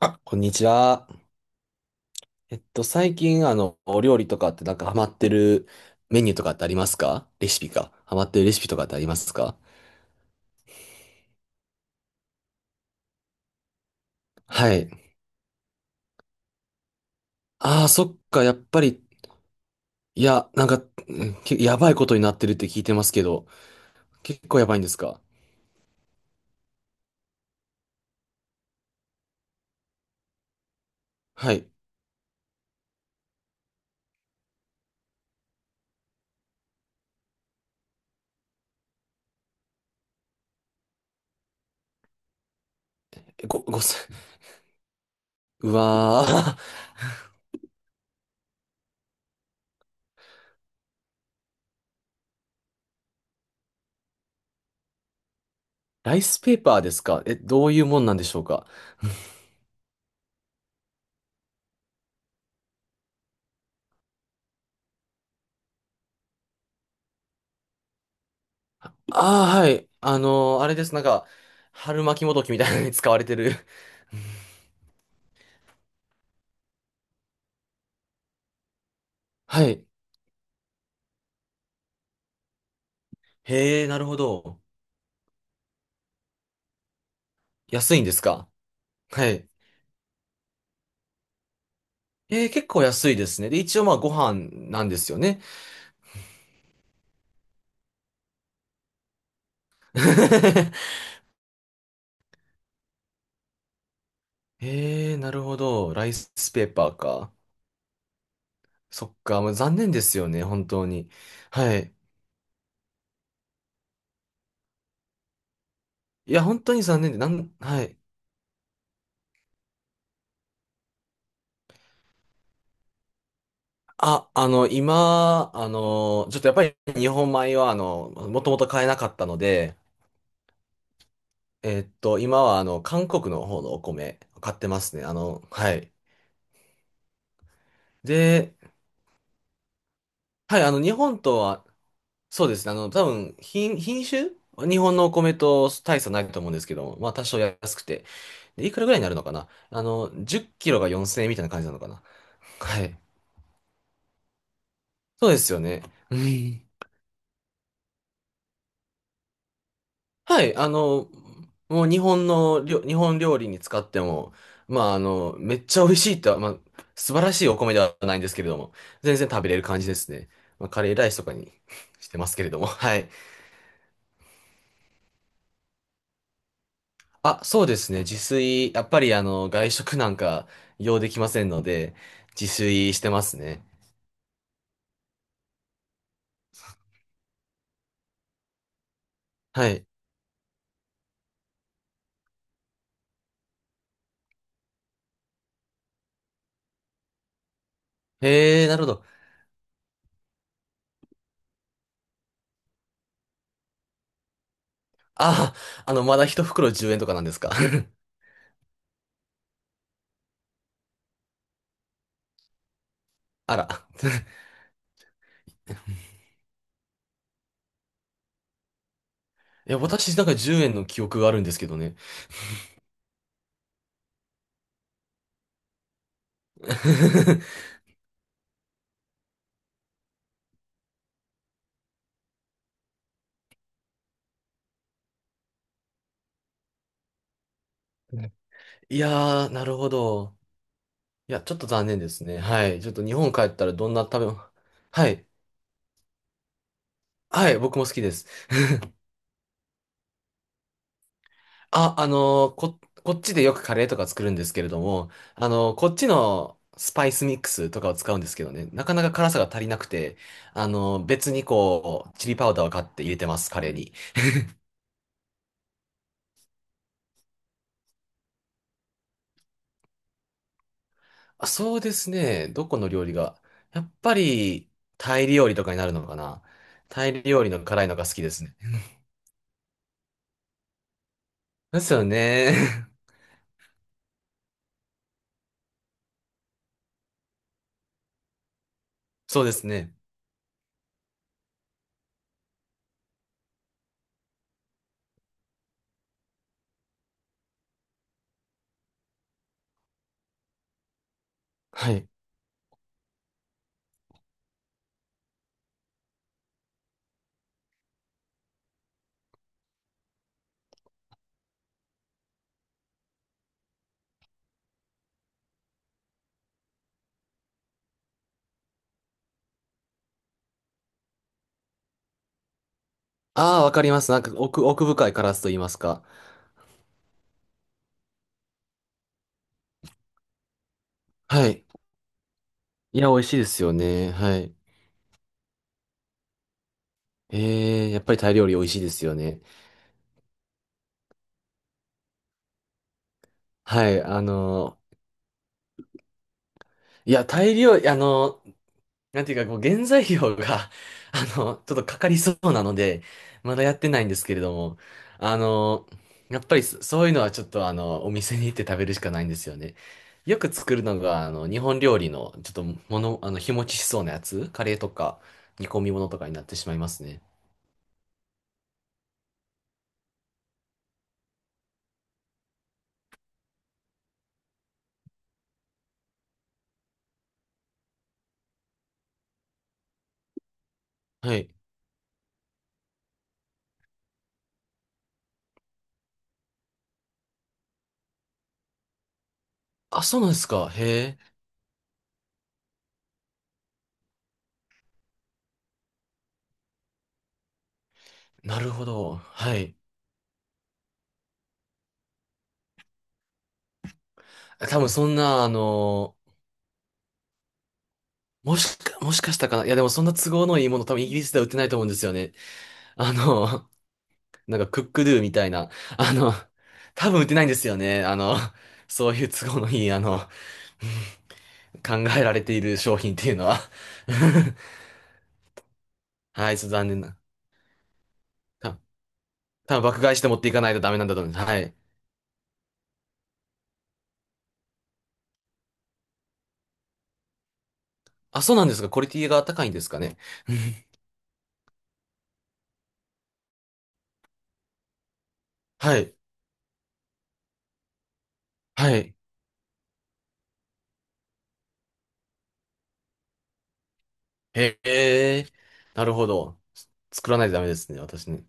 あ、こんにちは。最近、お料理とかってなんかハマってるメニューとかってありますか？レシピか。ハマってるレシピとかってありますか？はい。ああ、そっか、やっぱり、いや、なんか、うんけやばいことになってるって聞いてますけど、結構やばいんですか？はい。えご、ごせ、うわー ライスペーパーですか？え、どういうもんなんでしょうか？ああー、はい。あのーあれです。なんか、春巻きもどきみたいなのに使われてる。はい。へえ、なるほど。安いんですか？はい。えー、結構安いですね。で、一応まあご飯なんですよね。えー、なるほど。ライスペーパーか。そっか。もう残念ですよね、本当に。はい。いや、本当に残念で、なん、はい。あ、今、ちょっとやっぱり日本米は、もともと買えなかったので、えーっと、今は、韓国の方のお米買ってますね。あの、はい。で、はい、あの、日本とはそうですね。多分、品種日本のお米と大差ないと思うんですけども、まあ多少安くて。で、いくらぐらいになるのかな。あの、10キロが4000円みたいな感じなのかな？はい。そうですよね。うん。はい。あの、もう日本料理に使っても、まああの、めっちゃ美味しいとは、まあ素晴らしいお米ではないんですけれども、全然食べれる感じですね。まあカレーライスとかに してますけれども、はい。あ、そうですね。自炊、やっぱりあの、外食なんか用できませんので、自炊してますね。はい。へえ、なるほど。ああ、まだ一袋10円とかなんですか？ あら。いや、私なんか10円の記憶があるんですけどね。いやー、なるほど。いや、ちょっと残念ですね。はい。ちょっと日本帰ったらどんな食べ物。はい。はい、僕も好きです。あ、こっちでよくカレーとか作るんですけれども、あのーこっちのスパイスミックスとかを使うんですけどね、なかなか辛さが足りなくて、あのー別にこう、チリパウダーを買って入れてます、カレーに。あ、そうですね、どこの料理が。やっぱり、タイ料理とかになるのかな。タイ料理の辛いのが好きですね。ですよね。そうですね。はい。ああ、わかります。なんか奥深い辛さと言いますか。はい。いや、美味しいですよね。はい。ええ、やっぱりタイ料理美味しいですよね。はい、あの、いや、タイ料理、なんていうか、こう、原材料が、あの、ちょっとかかりそうなので、まだやってないんですけれども、あの、やっぱりそういうのはちょっと、あの、お店に行って食べるしかないんですよね。よく作るのが、あの、日本料理の、ちょっと、もの、あの、日持ちしそうなやつ、カレーとか、煮込み物とかになってしまいますね。はい。あ、そうなんですか。へえ、なるほど。はい。多分そんな、あのもしかしたかな。いや、でもそんな都合のいいもの多分イギリスでは売ってないと思うんですよね。あの、なんかクックドゥみたいな。あの、多分売ってないんですよね。あの、そういう都合のいい、あの、うん考えられている商品っていうのは はい、ちょっと残念な。た多分爆買いして持っていかないとダメなんだと思います。はい。あ、そうなんですか。クオリティが高いんですかね。うんはい、はい。へえ、なるほど。作らないとダメですね、私ね。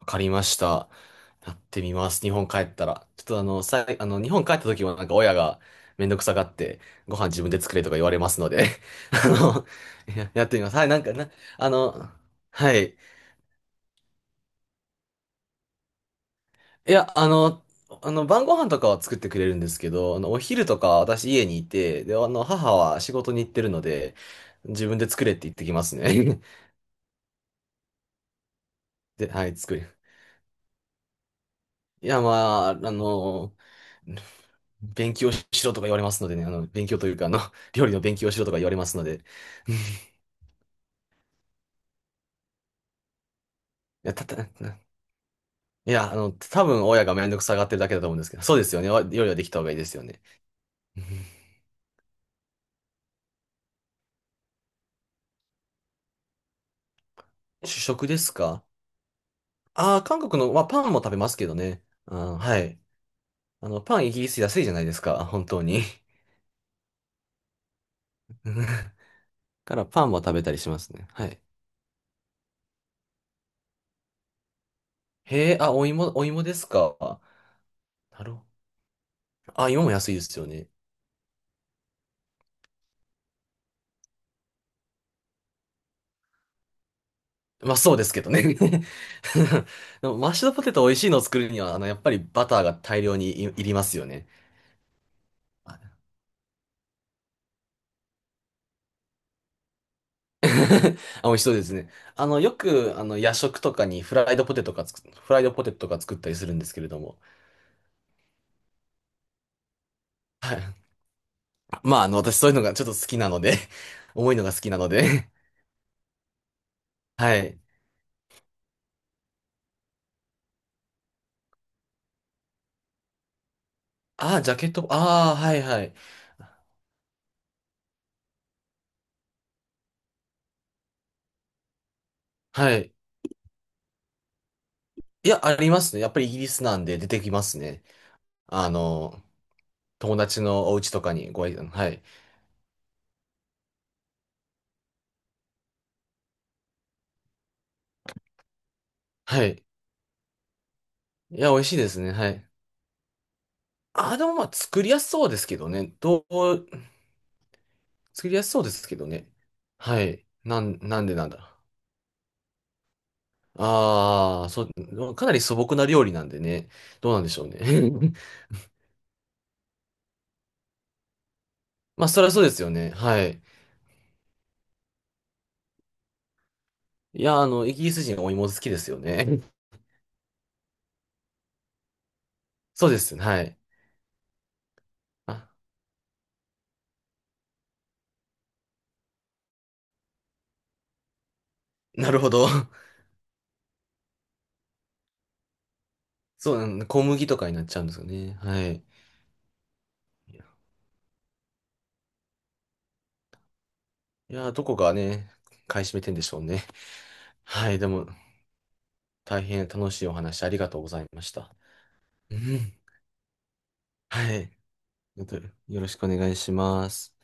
わかりました。やってみます。日本帰ったら。ちょっとあの、さい、あの、日本帰った時はなんか親がめんどくさがって、ご飯自分で作れとか言われますので、あの、や、やってみます。はい、なんかな、あの、はい。いや、あの、あの、晩ご飯とかは作ってくれるんですけど、あの、お昼とか私家にいて、で、あの、母は仕事に行ってるので、自分で作れって言ってきますね。で、はい、作る。いや、まあ、あの、勉強しろとか言われますのでね、あの、勉強というか、あの、料理の勉強しろとか言われますので、うんいや、た、た、いや、多分親がめんどくさがってるだけだと思うんですけど、そうですよね。わ料理はできた方がいいですよね。うん主食ですか？ああー、韓国の、まあ、パンも食べますけどね。あー、はい。あの、パンイギリス安いじゃないですか、本当に。うんからパンも食べたりしますね。はい。へえ、あ、お芋ですか。なるほど。あ、芋も安いですよね。まあそうですけどね でもマッシュドポテト美味しいのを作るには、あの、やっぱりバターが大量にいりますよね。あ あ美味しそうですね。あの、よく、あの、夜食とかにフライドポテトとか作ったりするんですけれども。はい。まあ、あの、私そういうのがちょっと好きなので 重いのが好きなのではい。ああ、ジャケット、ああ、はいはい。はい。いや、ありますね。やっぱりイギリスなんで出てきますね。あの、友達のお家とかにご挨拶、はい。はい。いや、美味しいですね。はい。あ、でもまあ作りやすそうですけどね。どう、作りやすそうですけどね。はい。なん、なんでなんだ。ああ、そう、かなり素朴な料理なんでね。どうなんでしょうね。まあ、そりゃそうですよね。はい。いや、あの、イギリス人お芋好きですよね。そうです。はい。あ、なるほど。そう、うん小麦とかになっちゃうんですよね。はい。いや、どこがね、買い占めてんでしょうね。はい。でも、大変楽しいお話ありがとうございました。うん。はい。またよろしくお願いします。